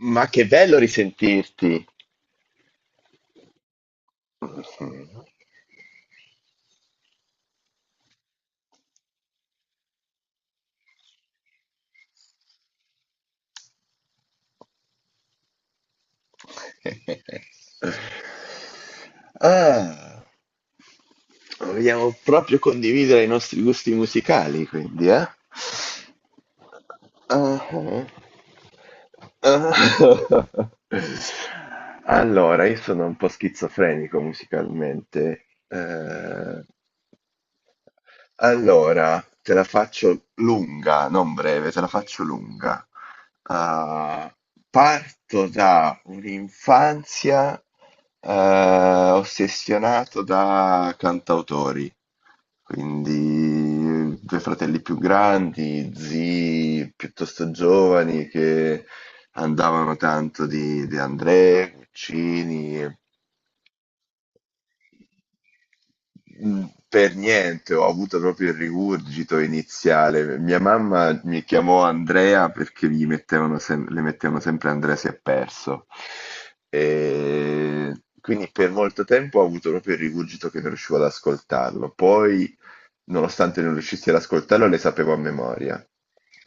Ma che bello risentirti! Ah, vogliamo proprio condividere i nostri gusti musicali, quindi, eh? Ah, ah. Allora, io sono un po' schizofrenico musicalmente. Allora, te la faccio lunga, non breve, te la faccio lunga. Ah, parto da un'infanzia eh, ossessionato da cantautori, quindi due fratelli più grandi, zii piuttosto giovani che andavano tanto di De André, Guccini. Mm. Per niente, ho avuto proprio il rigurgito iniziale. Mia mamma mi chiamò Andrea perché le mettevano sempre Andrea si è perso. E quindi per molto tempo ho avuto proprio il rigurgito che non riuscivo ad ascoltarlo. Poi nonostante non riuscissi ad ascoltarlo, le sapevo a memoria.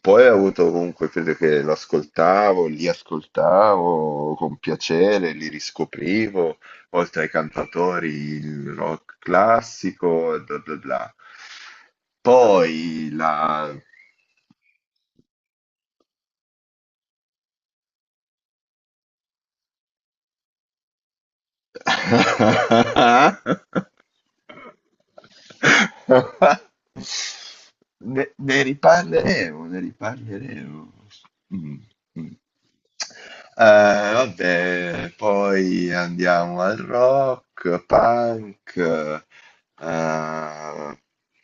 Poi ho avuto comunque fede che lo ascoltavo, li ascoltavo con piacere, li riscoprivo, oltre ai cantatori il rock classico e bla bla bla. Poi la. Ne riparleremo, ne riparleremo. Mm, mm. Vabbè, poi andiamo al rock, punk, ehm,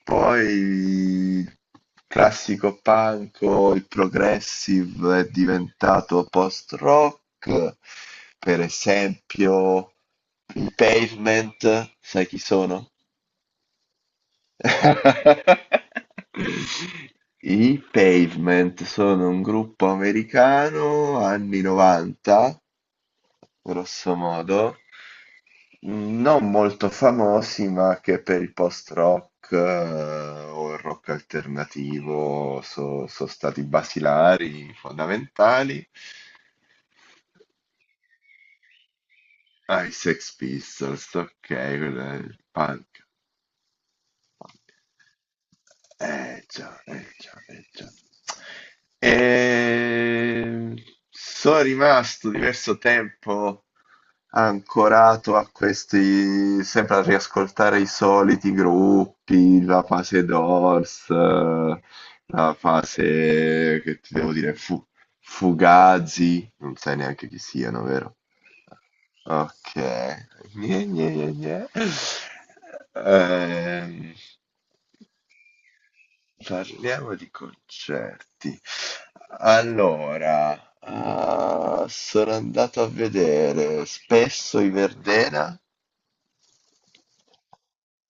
poi il classico punk o il progressive è diventato post-rock, per esempio i Pavement, sai chi sono? I Pavement sono un gruppo americano anni 90 grosso modo, non molto famosi, ma che per il post-rock o il rock alternativo sono stati basilari, fondamentali. Ah, i Sex Pistols, ok, quello è il punk. Eh già, eh già, eh già. E. Sono rimasto diverso tempo ancorato a questi, sempre a riascoltare i soliti gruppi, la fase Doors, la fase che ti devo dire, Fugazi, non sai neanche chi siano, vero? Ok, gne, gne, gne, gne. Ehm, Parliamo di concerti. Allora, ah, sono andato a vedere spesso i Verdena.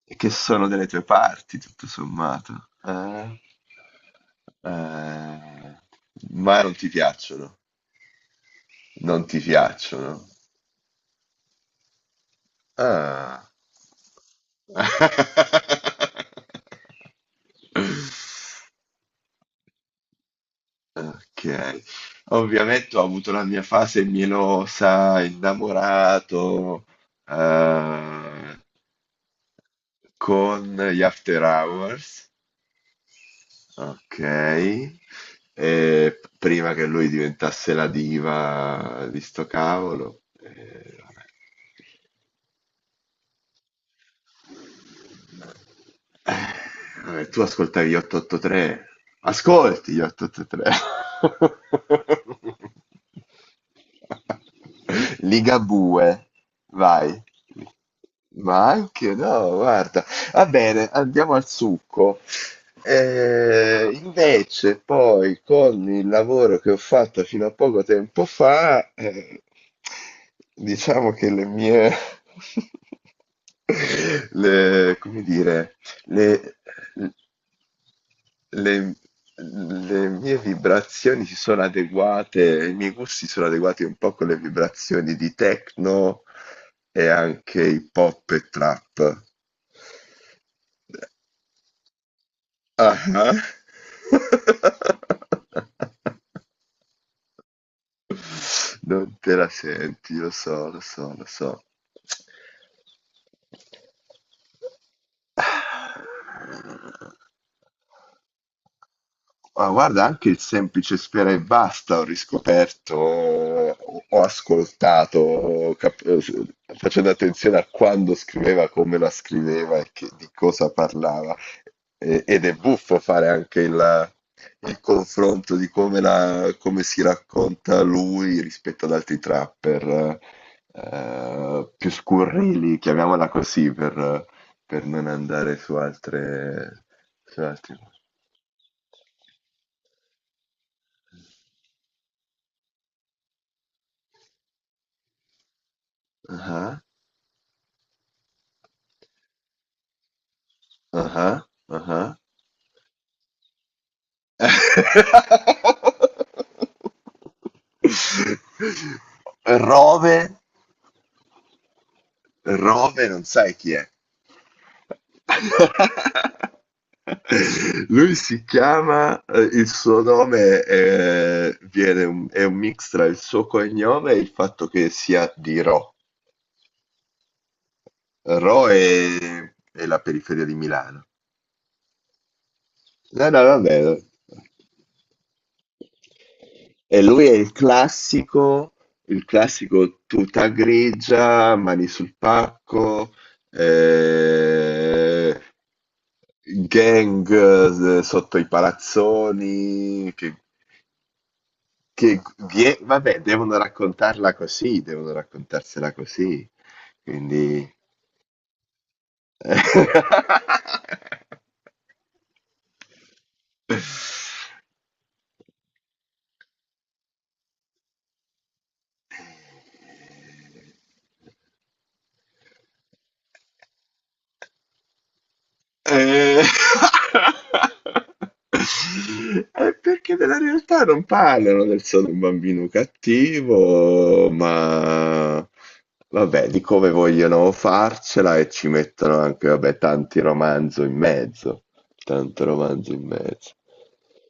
E che sono delle tue parti, tutto sommato. Eh? Eh, ma non ti piacciono. Non ti piacciono. Ah. Ok. Ovviamente ho avuto la mia fase mielosa, innamorato, eh, con gli After Hours. Ok. E prima che lui diventasse la diva di sto cavolo, vabbè. Vabbè, tu ascoltavi gli 883. Ascolti gli 883. Ligabue, vai. Ma anche no, guarda. Va bene, andiamo al succo. Invece, poi con il lavoro che ho fatto fino a poco tempo fa, diciamo che le mie, come dire, le, le, le mie vibrazioni si sono adeguate, i miei gusti sono adeguati un po' con le vibrazioni di techno e anche hip hop e trap. Ah, ah. Non te la senti, lo so, lo so, lo so. Ah. Ma guarda, anche il semplice Sfera e Basta ho riscoperto, ho ascoltato, facendo attenzione a quando scriveva, come la scriveva e di cosa parlava. Ed è buffo fare anche il confronto di come si racconta lui rispetto ad altri trapper, più scurrili, chiamiamola così, per, non andare su altre. Su altri. Ah. Ah-ah, ah-ah. Rove Rove non sai chi è. Lui si chiama il suo nome, viene un è un mix tra il suo cognome e il fatto che sia di Ro. Ro è la periferia di Milano. No, no, vabbè. E lui è il classico tuta grigia, mani sul pacco, eh, gang sotto i palazzoni, che vabbè, devono raccontarla così, devono raccontarsela così. Quindi. Eh, È perché della realtà non parlano del sono un bambino cattivo, ma vabbè, di come vogliono farcela e ci mettono anche, vabbè, tanti romanzo in mezzo, tanto romanzo in mezzo.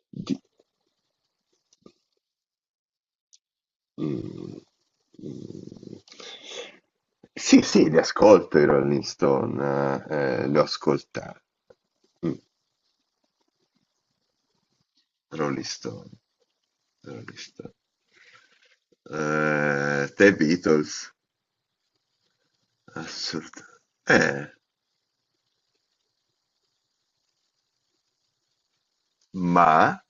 Di- mm, mm. Sì, sì, li ascolto i Rolling Stone, li ho ascoltati. Mm, Rolling Stone, Rolling Stone. The Beatles, assolutamente. Eh, ma.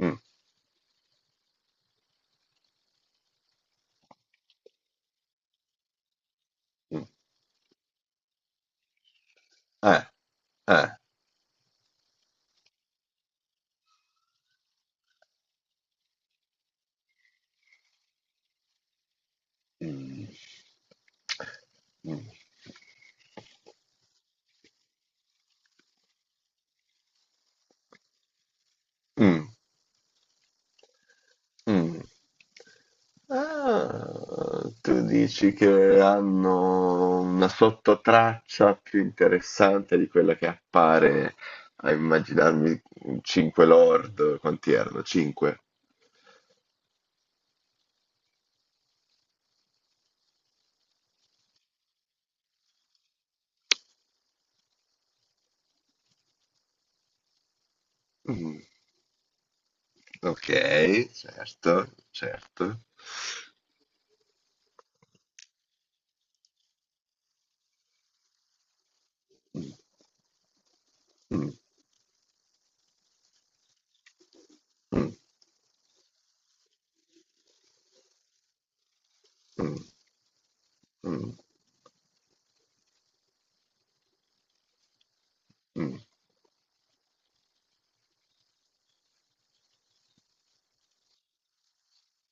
Mm, mm, eh, eh. Mm, mm, mm, mm. Ah, tu dici che hanno una sottotraccia più interessante di quella che appare a immaginarmi 5 lord, quanti erano? 5. Ok, certo, certo. Mm, mm, mm. Mm, mm, mm.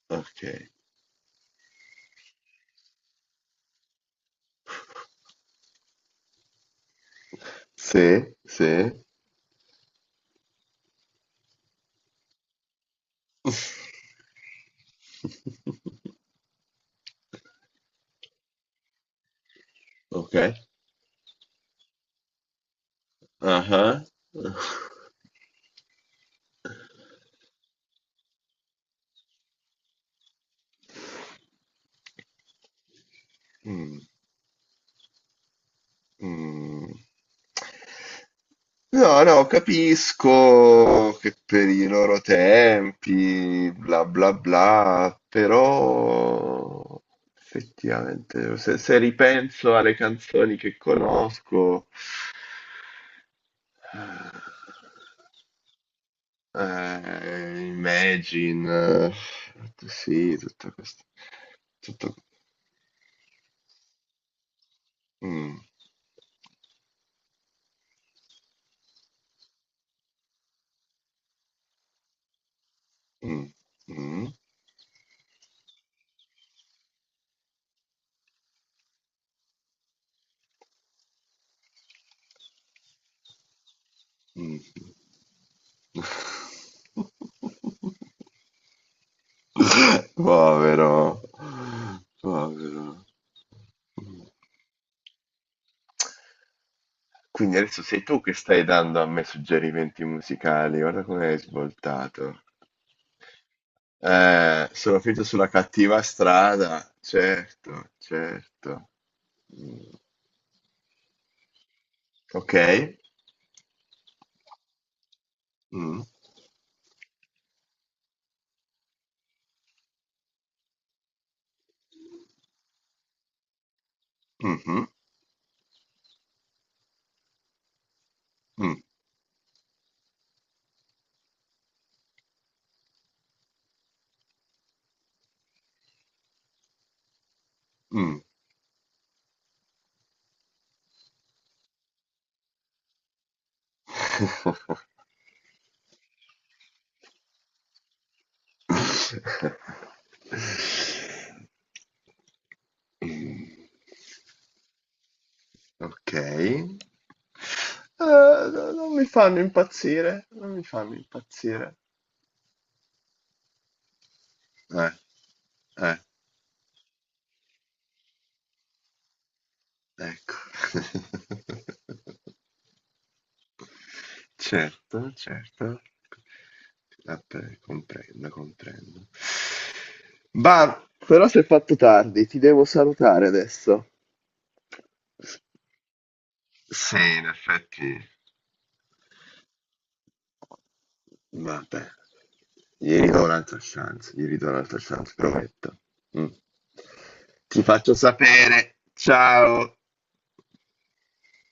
Ok. Sì, sì. Ok. Ah ah. Mm, mm. No, no, capisco che per i loro tempi, bla bla bla, però effettivamente se ripenso alle canzoni che conosco. Imagine, sì, tutto questo, tutto, mm, mm, mm, mm. Povero, povero. Quindi adesso sei tu che stai dando a me suggerimenti musicali, guarda come hai svoltato. Sono finito sulla cattiva strada, certo, certo. Mm, ok. Mm, mhm. Mm, mm. Mm, ok. No, non mi fanno impazzire, non mi fanno impazzire. Eh, eh, ecco. Certo, certo. Vabbè, comprendo, comprendo. Bah, però si è fatto tardi, ti devo salutare adesso. Sì, in effetti. Vabbè, gli ridò un'altra chance, gli ridò un'altra chance, prometto. Mm. Ti faccio sapere, ciao!